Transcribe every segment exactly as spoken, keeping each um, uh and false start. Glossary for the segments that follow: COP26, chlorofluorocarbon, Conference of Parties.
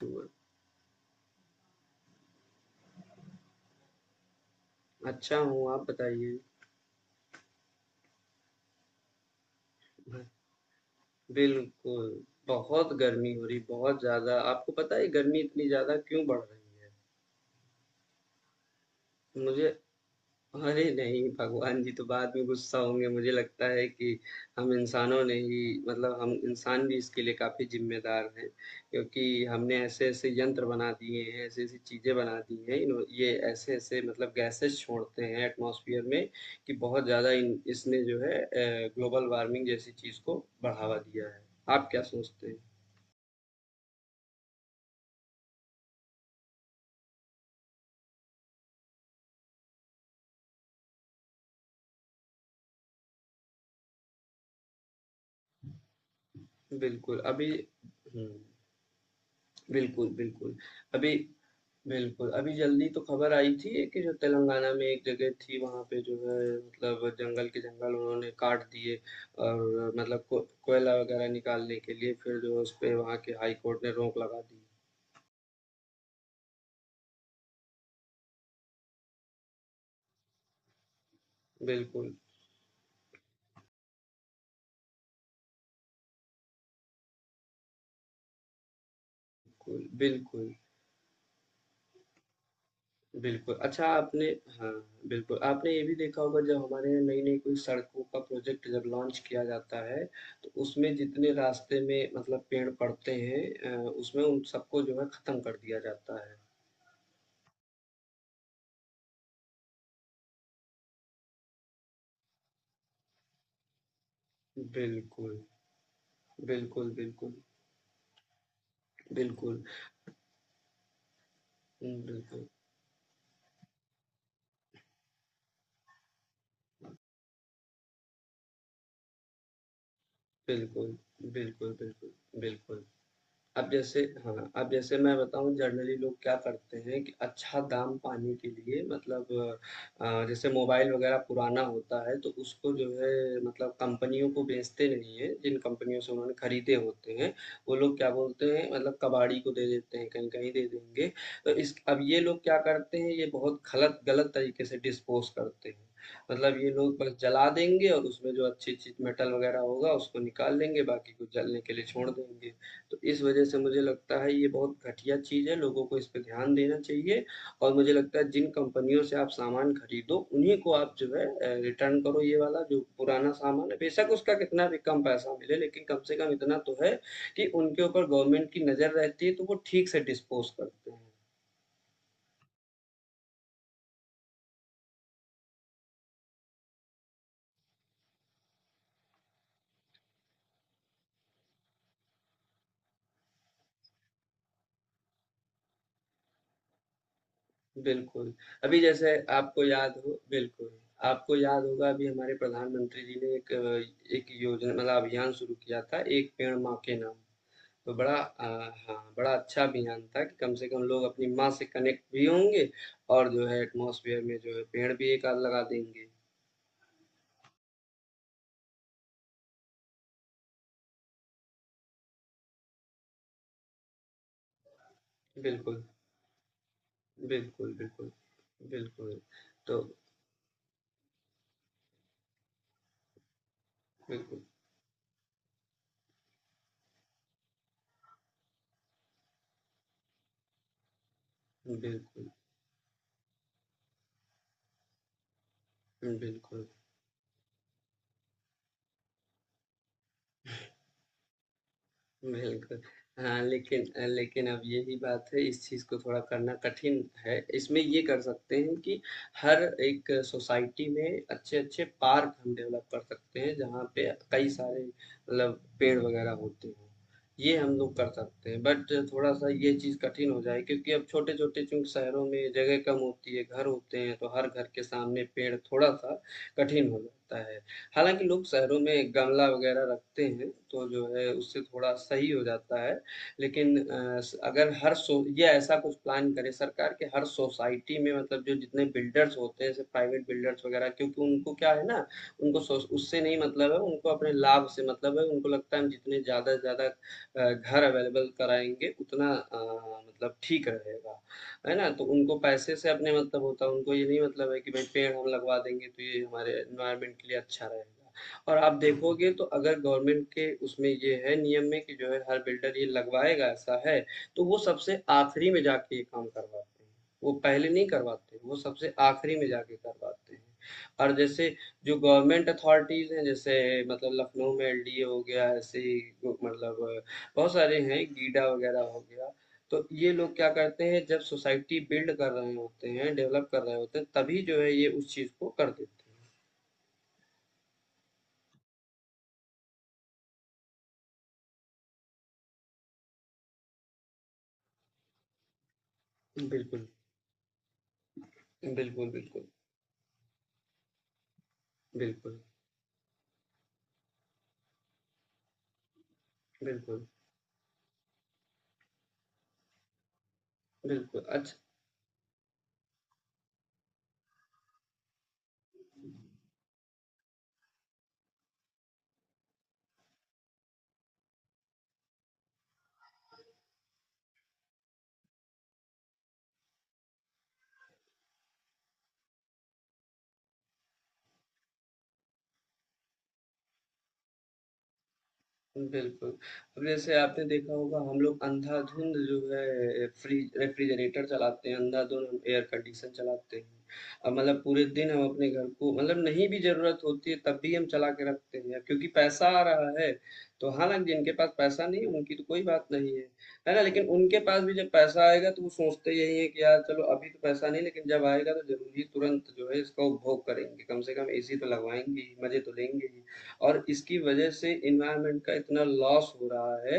बिल्कुल, अच्छा हूँ, आप बताइए? बिल्कुल, बहुत गर्मी हो रही, बहुत ज़्यादा। आपको पता है गर्मी इतनी ज़्यादा क्यों बढ़ रही है? मुझे अरे नहीं, भगवान जी तो बाद में गुस्सा होंगे। मुझे लगता है कि हम इंसानों ने ही मतलब हम इंसान भी इसके लिए काफ़ी ज़िम्मेदार हैं, क्योंकि हमने ऐसे-ऐसे यंत्र बना दिए हैं, ऐसी-ऐसी चीज़ें बना दी हैं। इन्हो ये ऐसे-ऐसे मतलब गैसेस छोड़ते हैं एटमॉस्फेयर में कि बहुत ज़्यादा इन इसने जो है अ, ग्लोबल वार्मिंग जैसी चीज़ को बढ़ावा दिया है। आप क्या सोचते हैं? बिल्कुल, अभी हुँ, बिल्कुल, बिल्कुल। अभी बिल्कुल, अभी जल्दी तो खबर आई थी कि जो तेलंगाना में एक जगह थी वहाँ पे जो है मतलब जंगल के जंगल उन्होंने काट दिए और मतलब को कोयला वगैरह निकालने के लिए फिर जो है उस पे वहाँ के हाई कोर्ट ने रोक लगा दी। बिल्कुल, बिल्कुल, बिल्कुल, बिल्कुल। अच्छा आपने हाँ, बिल्कुल आपने ये भी देखा होगा जब हमारे यहाँ नई-नई कोई सड़कों का प्रोजेक्ट जब लॉन्च किया जाता है, तो उसमें जितने रास्ते में मतलब पेड़ पड़ते हैं अ, उसमें उन सबको जो है ख़त्म कर दिया जाता है। बिल्कुल। बिल्कुल, बिल्कुल, बिल्कुल, बिल्कुल, बिल्कुल, बिल्कुल, बिल्कुल, बिल्कुल। अब जैसे हाँ, अब जैसे मैं बताऊँ जनरली लोग क्या करते हैं कि अच्छा दाम पाने के लिए मतलब अ, जैसे मोबाइल वगैरह पुराना होता है तो उसको जो है मतलब कंपनियों को बेचते नहीं है जिन कंपनियों से उन्होंने खरीदे होते हैं वो लोग क्या बोलते हैं मतलब कबाड़ी को दे देते हैं कहीं कहीं दे देंगे तो इस अब ये लोग क्या करते हैं ये बहुत गलत गलत तरीके से डिस्पोज करते हैं, मतलब ये लोग बस जला देंगे और उसमें जो अच्छी चीज मेटल वगैरह होगा उसको निकाल लेंगे बाकी को जलने के लिए छोड़ देंगे। तो इस वजह से मुझे लगता है ये बहुत घटिया चीज़ है, लोगों को इस पे ध्यान देना चाहिए। और मुझे लगता है जिन कंपनियों से आप सामान खरीदो, उन्हीं को आप जो है अ, रिटर्न करो ये वाला जो पुराना सामान है। बेशक उसका कितना भी कम पैसा मिले, लेकिन कम से कम इतना तो है कि उनके ऊपर गवर्नमेंट की नज़र रहती है, तो वो ठीक से डिस्पोज़ करते हैं। बिल्कुल, अभी जैसे आपको याद हो बिल्कुल, आपको याद होगा अभी हमारे प्रधानमंत्री जी ने एक एक योजना मतलब अभियान शुरू किया था, एक पेड़ माँ के नाम। तो बड़ा अ, हाँ, बड़ा अच्छा अभियान था कि कम से कम लोग अपनी माँ से कनेक्ट भी होंगे और जो है एटमॉस्फेयर में जो है पेड़ भी एक आध लगा देंगे। बिल्कुल, बिल्कुल, बिल्कुल। बिल्कुल, तो बिल्कुल, बिल्कुल, बिल्कुल। बिल्कुल। हाँ, लेकिन अ, लेकिन अब यही बात है, इस चीज़ को थोड़ा करना कठिन है। इसमें ये कर सकते हैं कि हर एक सोसाइटी में अच्छे-अच्छे पार्क हम डेवलप कर सकते हैं, जहाँ पे कई सारे मतलब पेड़ वगैरह होते हों। ये हम लोग कर सकते हैं, बट थोड़ा-सा ये चीज़ कठिन हो जाए क्योंकि अब छोटे-छोटे चूँकि शहरों में जगह कम होती है, घर होते हैं, तो हर घर के सामने पेड़ थोड़ा-सा कठिन हो जाता है। हालाँकि लोग शहरों में गमला वगैरह रखते हैं, तो जो है उससे थोड़ा सही हो जाता है। लेकिन अ, स अगर हर सो या ऐसा कुछ प्लान करे सरकार कि हर सोसाइटी में मतलब जो जितने बिल्डर्स होते हैं, जैसे प्राइवेट बिल्डर्स वगैरह, क्योंकि उनको क्या है ना, उनको सोस उससे नहीं मतलब है, उनको अपने लाभ से मतलब है। उनको लगता है हम जितने ज़्यादा से ज़्यादा अ, घर अवेलेबल कराएँगे उतना अ, मतलब ठीक रहेगा। है ना? तो उनको पैसे से अपने मतलब होता है, उनको ये नहीं मतलब है कि भाई पेड़ हम लगवा देंगे तो ये हमारे एनवायरनमेंट के लिए अच्छा रहेगा। और आप देखोगे तो अगर गवर्नमेंट के उसमें ये है नियम में कि जो है हर बिल्डर ये लगवाएगा ऐसा है, तो वो सबसे आखिरी में जाके ये काम करवाते हैं। वो पहले नहीं करवाते, वो सबसे आखिरी में जाके करवाते हैं। और जैसे जो गवर्नमेंट अथॉरिटीज़ हैं, जैसे मतलब लखनऊ में एलडीए हो गया, ऐसे ही मतलब बहुत सारे हैं, गीडा वगैरह हो गया। तो ये लोग क्या करते हैं जब सोसाइटी बिल्ड कर रहे होते हैं डेवलप कर रहे होते हैं तभी जो है ये उस चीज को कर देते हैं। बिल्कुल बिल्कुल बिल्कुल बिल्कुल बिल्कुल बिल्कुल अच्छा बिल्कुल। अब जैसे आपने देखा होगा हम लोग अंधाधुंध जो है फ्रिज रेफ्रिजरेटर चलाते हैं, अंधाधुंध हम एयर कंडीशन चलाते हैं। अब मतलब पूरे दिन हम अपने घर को मतलब नहीं भी ज़रूरत होती है तब भी हम चला के रखते हैं क्योंकि पैसा आ रहा है, तो हालाँकि जिनके पास पैसा नहीं है उनकी तो कोई बात नहीं है, है ना? लेकिन उनके पास भी जब पैसा आएगा तो वो सोचते यही है कि यार चलो अभी तो पैसा नहीं लेकिन जब आएगा तो ज़रूर ही तुरंत जो है इसका उपभोग करेंगे, कम से कम एसी तो लगवाएँगे ही, मज़े तो लेंगे ही। और इसकी वजह से एनवायरनमेंट का इतना लॉस हो रहा है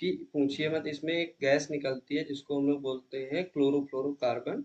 कि पूछिए मत। इसमें एक गैस निकलती है जिसको हम लोग बोलते हैं क्लोरोफ्लोरोकार्बन।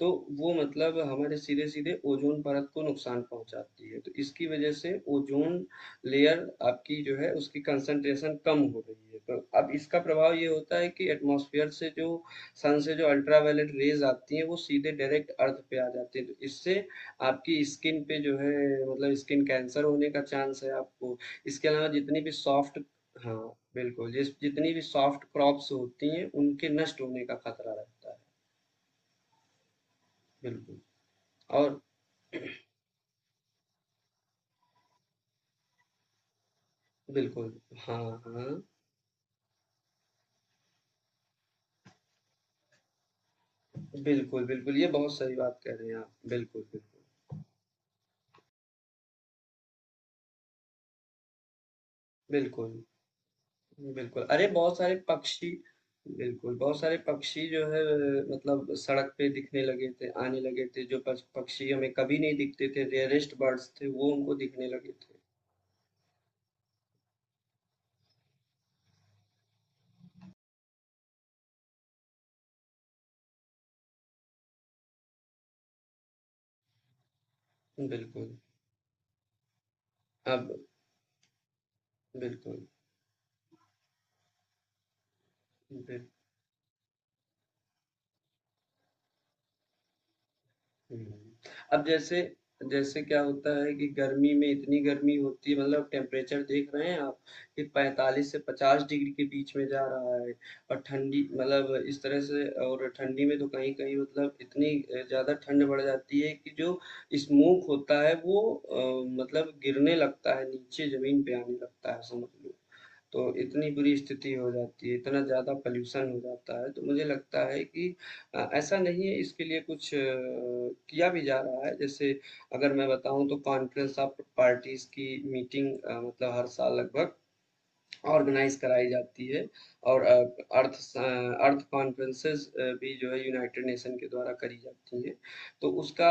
तो वो मतलब हमारे सीधे सीधे ओजोन परत को नुकसान पहुंचाती है, तो इसकी वजह से ओजोन लेयर आपकी जो है उसकी कंसंट्रेशन कम हो रही है। तो अब इसका प्रभाव ये होता है कि एटमॉस्फेयर से जो सन से जो अल्ट्रावायलेट रेज आती हैं वो सीधे डायरेक्ट अर्थ पे आ जाती है तो इससे आपकी स्किन पे जो है मतलब स्किन कैंसर होने का चांस है आपको। इसके अलावा जितनी भी सॉफ्ट हाँ बिल्कुल जिस जितनी भी सॉफ्ट क्रॉप्स होती हैं उनके नष्ट होने का खतरा रहता है। बिल्कुल और बिल्कुल हाँ हाँ बिल्कुल बिल्कुल ये बहुत सही बात कह रहे हैं आप बिल्कुल बिल्कुल बिल्कुल बिल्कुल अरे बहुत सारे पक्षी बिल्कुल बहुत सारे पक्षी जो है मतलब सड़क पे दिखने लगे थे आने लगे थे जो पक्ष- पक्षी हमें कभी नहीं दिखते थे, रेयरेस्ट बर्ड्स थे वो हमको दिखने लगे थे। बिल्कुल, अब बिल्कुल, बिल्कुल। अब जैसे जैसे क्या होता है कि गर्मी में इतनी गर्मी होती है मतलब टेम्परेचर देख रहे हैं आप कि पैंतालीस से पचास डिग्री के बीच में जा रहा है। और ठंडी मतलब इस तरह से और ठंडी में तो कहीं-कहीं मतलब इतनी अ, ज़्यादा ठंड बढ़ जाती है कि जो स्मोक होता है वो अ, मतलब गिरने लगता है नीचे ज़मीन पे आने लगता है समझ लो। तो इतनी बुरी स्थिति हो जाती है, इतना ज़्यादा पॉल्यूशन हो जाता है, तो मुझे लगता है कि अ, ऐसा नहीं है, इसके लिए कुछ अ, किया भी जा रहा है। जैसे अगर मैं बताऊँ तो कॉन्फ्रेंस ऑफ पार्टीज़ की मीटिंग अ, मतलब हर साल लगभग ऑर्गेनाइज कराई जाती है और अ, अर्थ स- अ, अर्थ कॉन्फ्रेंसेस भी जो है यूनाइटेड नेशन के द्वारा करी जाती हैं। तो उसका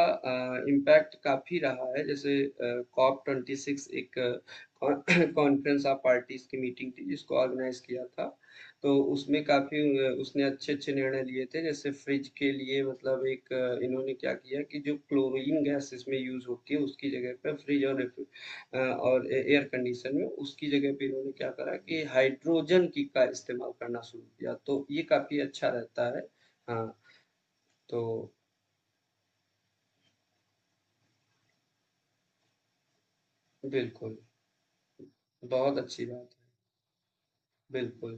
इम्पैक्ट काफ़ी रहा है, जैसे कॉप ट्वेंटी सिक्स एक कॉन्फ्रेंस ऑफ पार्टीज की मीटिंग थी जिसको ऑर्गेनाइज किया था, तो उसमें काफ़ी उसने अच्छे अच्छे निर्णय लिए थे। जैसे फ्रिज के लिए मतलब एक अ, इन्होंने क्या किया कि जो क्लोरीन गैस इसमें यूज़ होती है उसकी जगह पर फ्रिज और अ, और एयर कंडीशन में उसकी जगह पे इन्होंने क्या करा कि हाइड्रोजन की का इस्तेमाल करना शुरू किया, तो ये काफी अच्छा रहता है। हाँ तो बिल्कुल बहुत अच्छी बात है बिल्कुल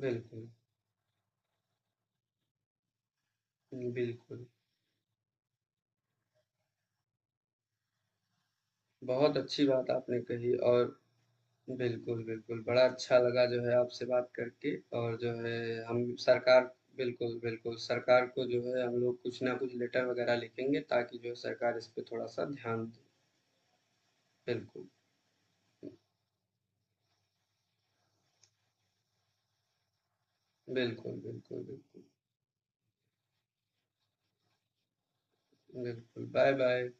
बिल्कुल बिल्कुल बहुत अच्छी बात आपने कही। और बिल्कुल बिल्कुल बड़ा अच्छा लगा जो है आपसे बात करके। और जो है हम सरकार बिल्कुल बिल्कुल सरकार को जो है हम लोग कुछ ना कुछ लेटर वगैरह लिखेंगे ताकि जो है सरकार इस पे थोड़ा सा ध्यान दे। बिल्कुल बिल्कुल बिल्कुल बिल्कुल बिल्कुल, बाय बाय।